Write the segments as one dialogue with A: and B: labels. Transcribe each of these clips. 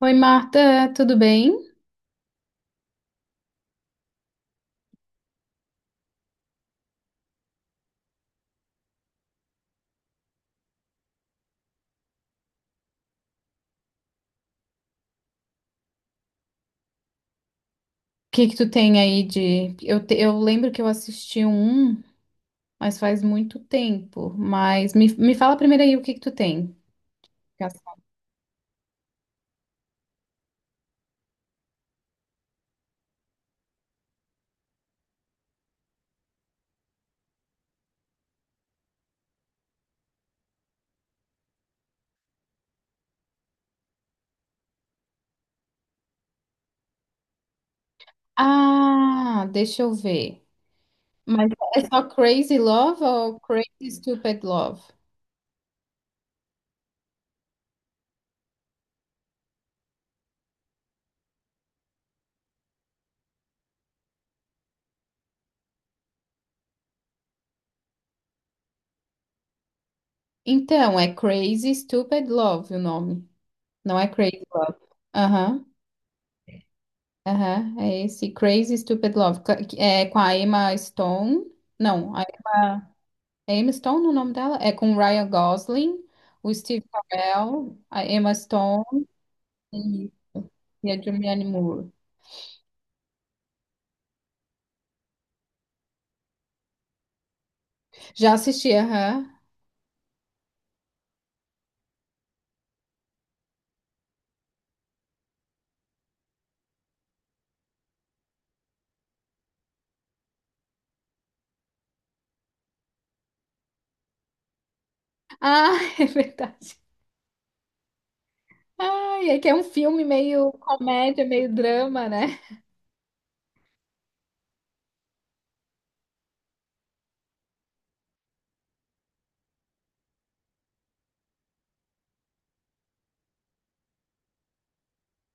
A: Oi, Marta, tudo bem? O que que tu tem aí de... Eu lembro que eu assisti um, mas faz muito tempo. Mas me fala primeiro aí o que que tu tem. Ah, deixa eu ver. Mas é só Crazy Love ou Crazy Stupid Love? Então, é Crazy Stupid Love o nome. Não é Crazy Love. Aham, aham. É esse Crazy Stupid Love. Que é com a Emma Stone. Não, a Emma. É Emma Stone o nome dela? É com o Ryan Gosling, o Steve Carell, a Emma Stone e a Julianne Moore. Já assisti, aham. Ah, é verdade. Ai, é que é um filme meio comédia, meio drama, né?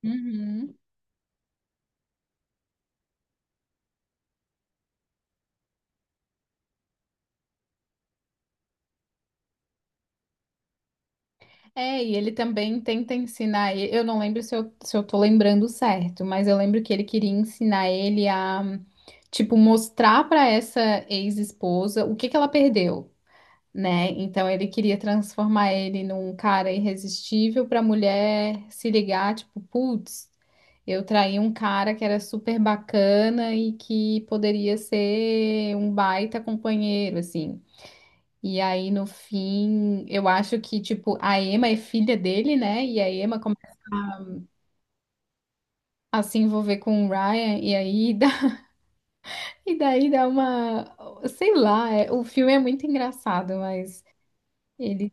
A: Uhum. É, e ele também tenta ensinar. Eu não lembro se eu tô lembrando certo, mas eu lembro que ele queria ensinar ele a, tipo, mostrar pra essa ex-esposa o que que ela perdeu, né? Então ele queria transformar ele num cara irresistível para a mulher se ligar, tipo, putz, eu traí um cara que era super bacana e que poderia ser um baita companheiro, assim. E aí no fim, eu acho que tipo a Emma é filha dele, né? E a Emma começa a se envolver com o Ryan e aí dá, e daí dá uma, sei lá, o filme é muito engraçado, mas ele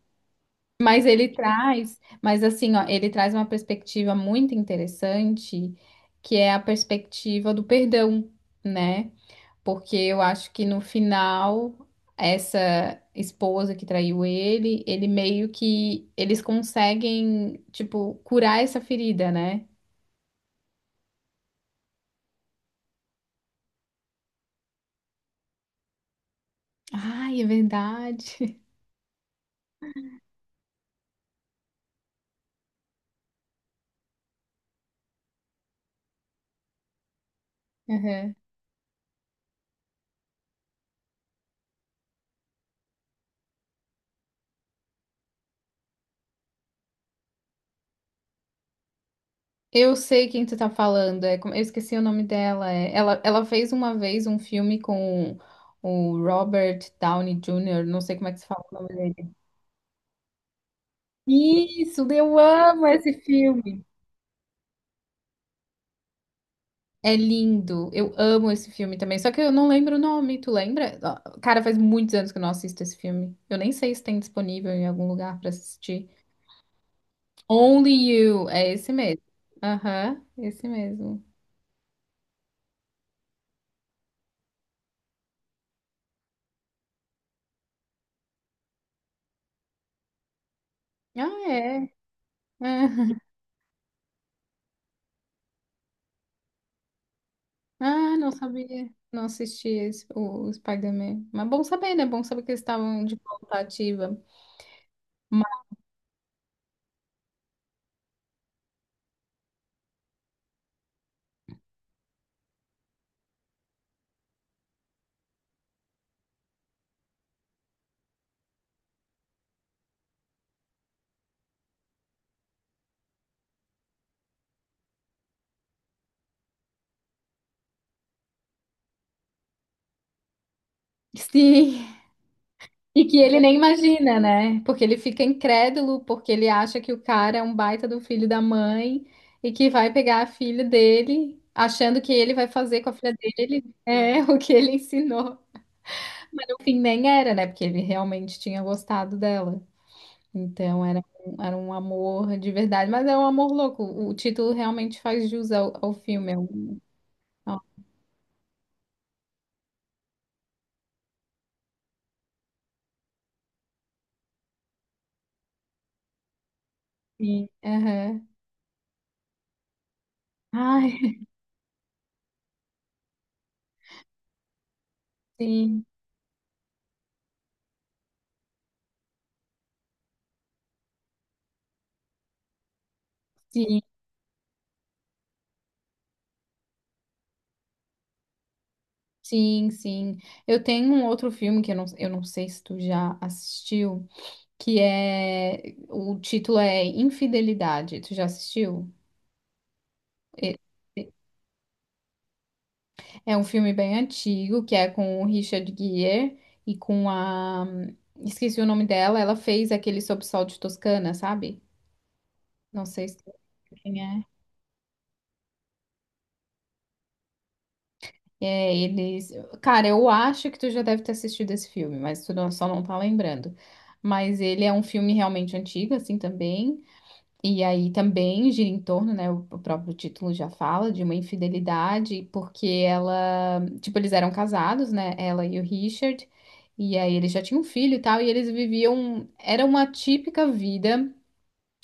A: mas ele traz, mas assim, ó, ele traz uma perspectiva muito interessante, que é a perspectiva do perdão, né? Porque eu acho que no final essa esposa que traiu ele, ele meio que eles conseguem, tipo, curar essa ferida, né? Ai, é verdade. Aham. Eu sei quem tu tá falando, é, eu esqueci o nome dela. É, ela fez uma vez um filme com o Robert Downey Jr., não sei como é que se fala o nome dele. Isso, eu amo esse filme. É lindo, eu amo esse filme também, só que eu não lembro o nome, tu lembra? Ó, cara, faz muitos anos que eu não assisto esse filme. Eu nem sei se tem disponível em algum lugar pra assistir. Only You, é esse mesmo. Aham, esse mesmo. Ah, é. Ah, não sabia. Não assisti esse, o Spider-Man. Mas bom saber, né? Bom saber que eles estavam de volta ativa. Mas sim. E que ele nem imagina, né? Porque ele fica incrédulo, porque ele acha que o cara é um baita do filho da mãe e que vai pegar a filha dele, achando que ele vai fazer com a filha dele é o que ele ensinou. No fim, nem era, né? Porque ele realmente tinha gostado dela. Então era, era um amor de verdade, mas é um amor louco. O título realmente faz jus ao, ao filme. É um, ao fim. Aham. Ai, sim, sim, sim, sim. Eu tenho um outro filme que eu não sei se tu já assistiu, que é. O título é Infidelidade. Tu já assistiu? E- É um filme bem antigo, que é com o Richard Gere e com a. Esqueci o nome dela, ela fez aquele Sob Sol de Toscana, sabe? Não sei se. É, é, eles. Cara, eu acho que tu já deve ter assistido esse filme, mas tu não- só não tá lembrando. Mas ele é um filme realmente antigo, assim também. E aí também gira em torno, né? O próprio título já fala de uma infidelidade, porque ela. Tipo, eles eram casados, né? Ela e o Richard. E aí eles já tinham um filho e tal, e eles viviam. Era uma típica vida,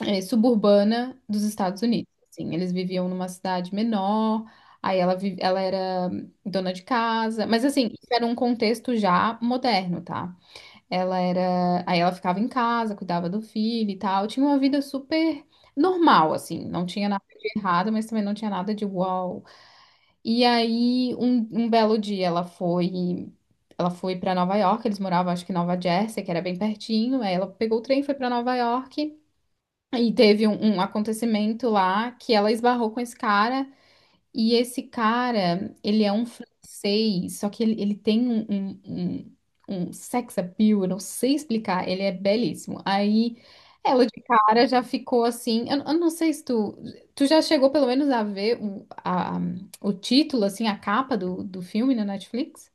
A: é, suburbana dos Estados Unidos. Assim, eles viviam numa cidade menor, aí ela, ela era dona de casa, mas assim, isso era um contexto já moderno, tá? Ela era, aí ela ficava em casa, cuidava do filho e tal, tinha uma vida super normal, assim, não tinha nada de errado, mas também não tinha nada de uau. E aí, um belo dia, ela foi ela foi para Nova York, eles moravam, acho que em Nova Jersey, que era bem pertinho. Aí ela pegou o trem, foi para Nova York. E teve um acontecimento lá que ela esbarrou com esse cara, e esse cara, ele é um francês, só que ele tem um sex appeal, eu não sei explicar, ele é belíssimo. Aí ela de cara já ficou assim, eu não sei se tu, tu já chegou pelo menos a ver o título, assim, a capa do, do filme na Netflix?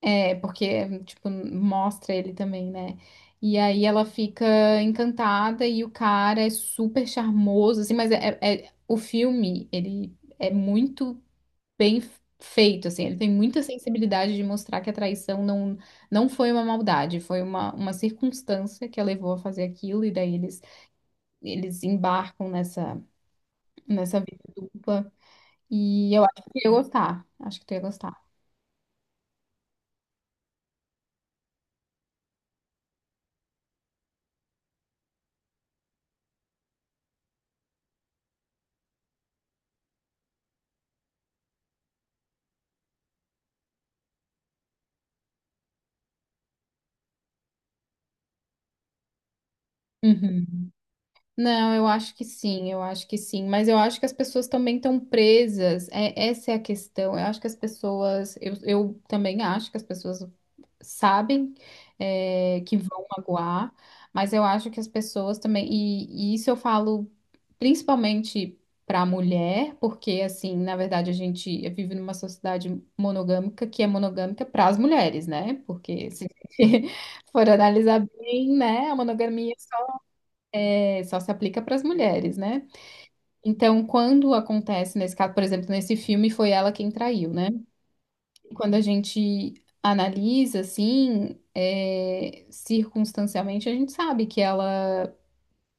A: É, porque, tipo, mostra ele também, né? E aí ela fica encantada e o cara é super charmoso, assim, mas é, o filme, ele é muito bem feito, assim, ele tem muita sensibilidade de mostrar que a traição não, não foi uma maldade, foi uma circunstância que a levou a fazer aquilo, e daí eles embarcam nessa, nessa vida dupla. E eu acho que eu ia gostar, acho que tu ia gostar. Uhum. Não, eu acho que sim, eu acho que sim, mas eu acho que as pessoas também estão presas, é, essa é a questão. Eu acho que as pessoas, eu também acho que as pessoas sabem é, que vão magoar, mas eu acho que as pessoas também, e isso eu falo principalmente para a mulher, porque assim, na verdade a gente vive numa sociedade monogâmica que é monogâmica para as mulheres, né? Porque se for analisar bem, né, a monogamia é, só se aplica para as mulheres, né? Então, quando acontece nesse caso, por exemplo, nesse filme foi ela quem traiu, né? Quando a gente analisa assim, é, circunstancialmente, a gente sabe que ela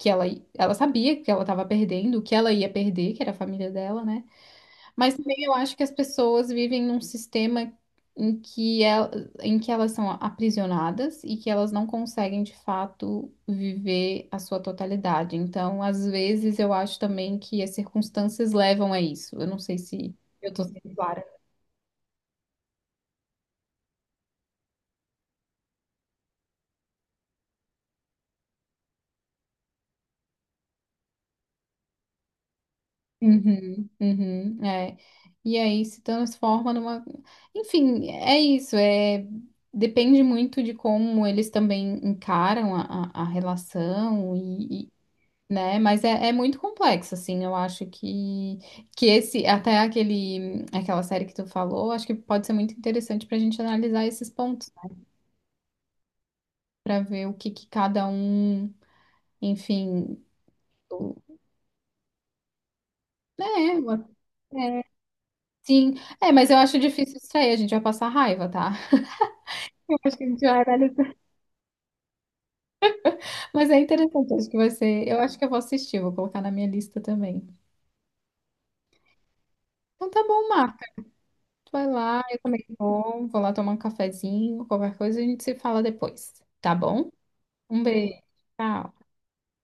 A: que ela, ela sabia que ela estava perdendo, o que ela ia perder, que era a família dela, né? Mas também eu acho que as pessoas vivem num sistema em que, em que elas são aprisionadas e que elas não conseguem, de fato, viver a sua totalidade. Então, às vezes, eu acho também que as circunstâncias levam a isso. Eu não sei se eu estou sendo clara. Uhum, uhum, é. E aí se transforma numa. Enfim, é isso. É... Depende muito de como eles também encaram a, a relação, né? Mas é muito complexo, assim. Eu acho que esse até aquele aquela série que tu falou, acho que pode ser muito interessante para a gente analisar esses pontos, né? Para ver o que, que cada um, enfim, o- né? o- É, sim, é, mas eu acho difícil isso aí, a gente vai passar raiva, tá? Eu acho que a gente vai analisar. Mas é interessante, acho que vai ser. Eu acho que eu vou assistir, vou colocar na minha lista também. Então tá bom, Marco. Tu vai lá, eu também vou, vou lá tomar um cafezinho, qualquer coisa a gente se fala depois, tá bom? Um beijo. Tchau.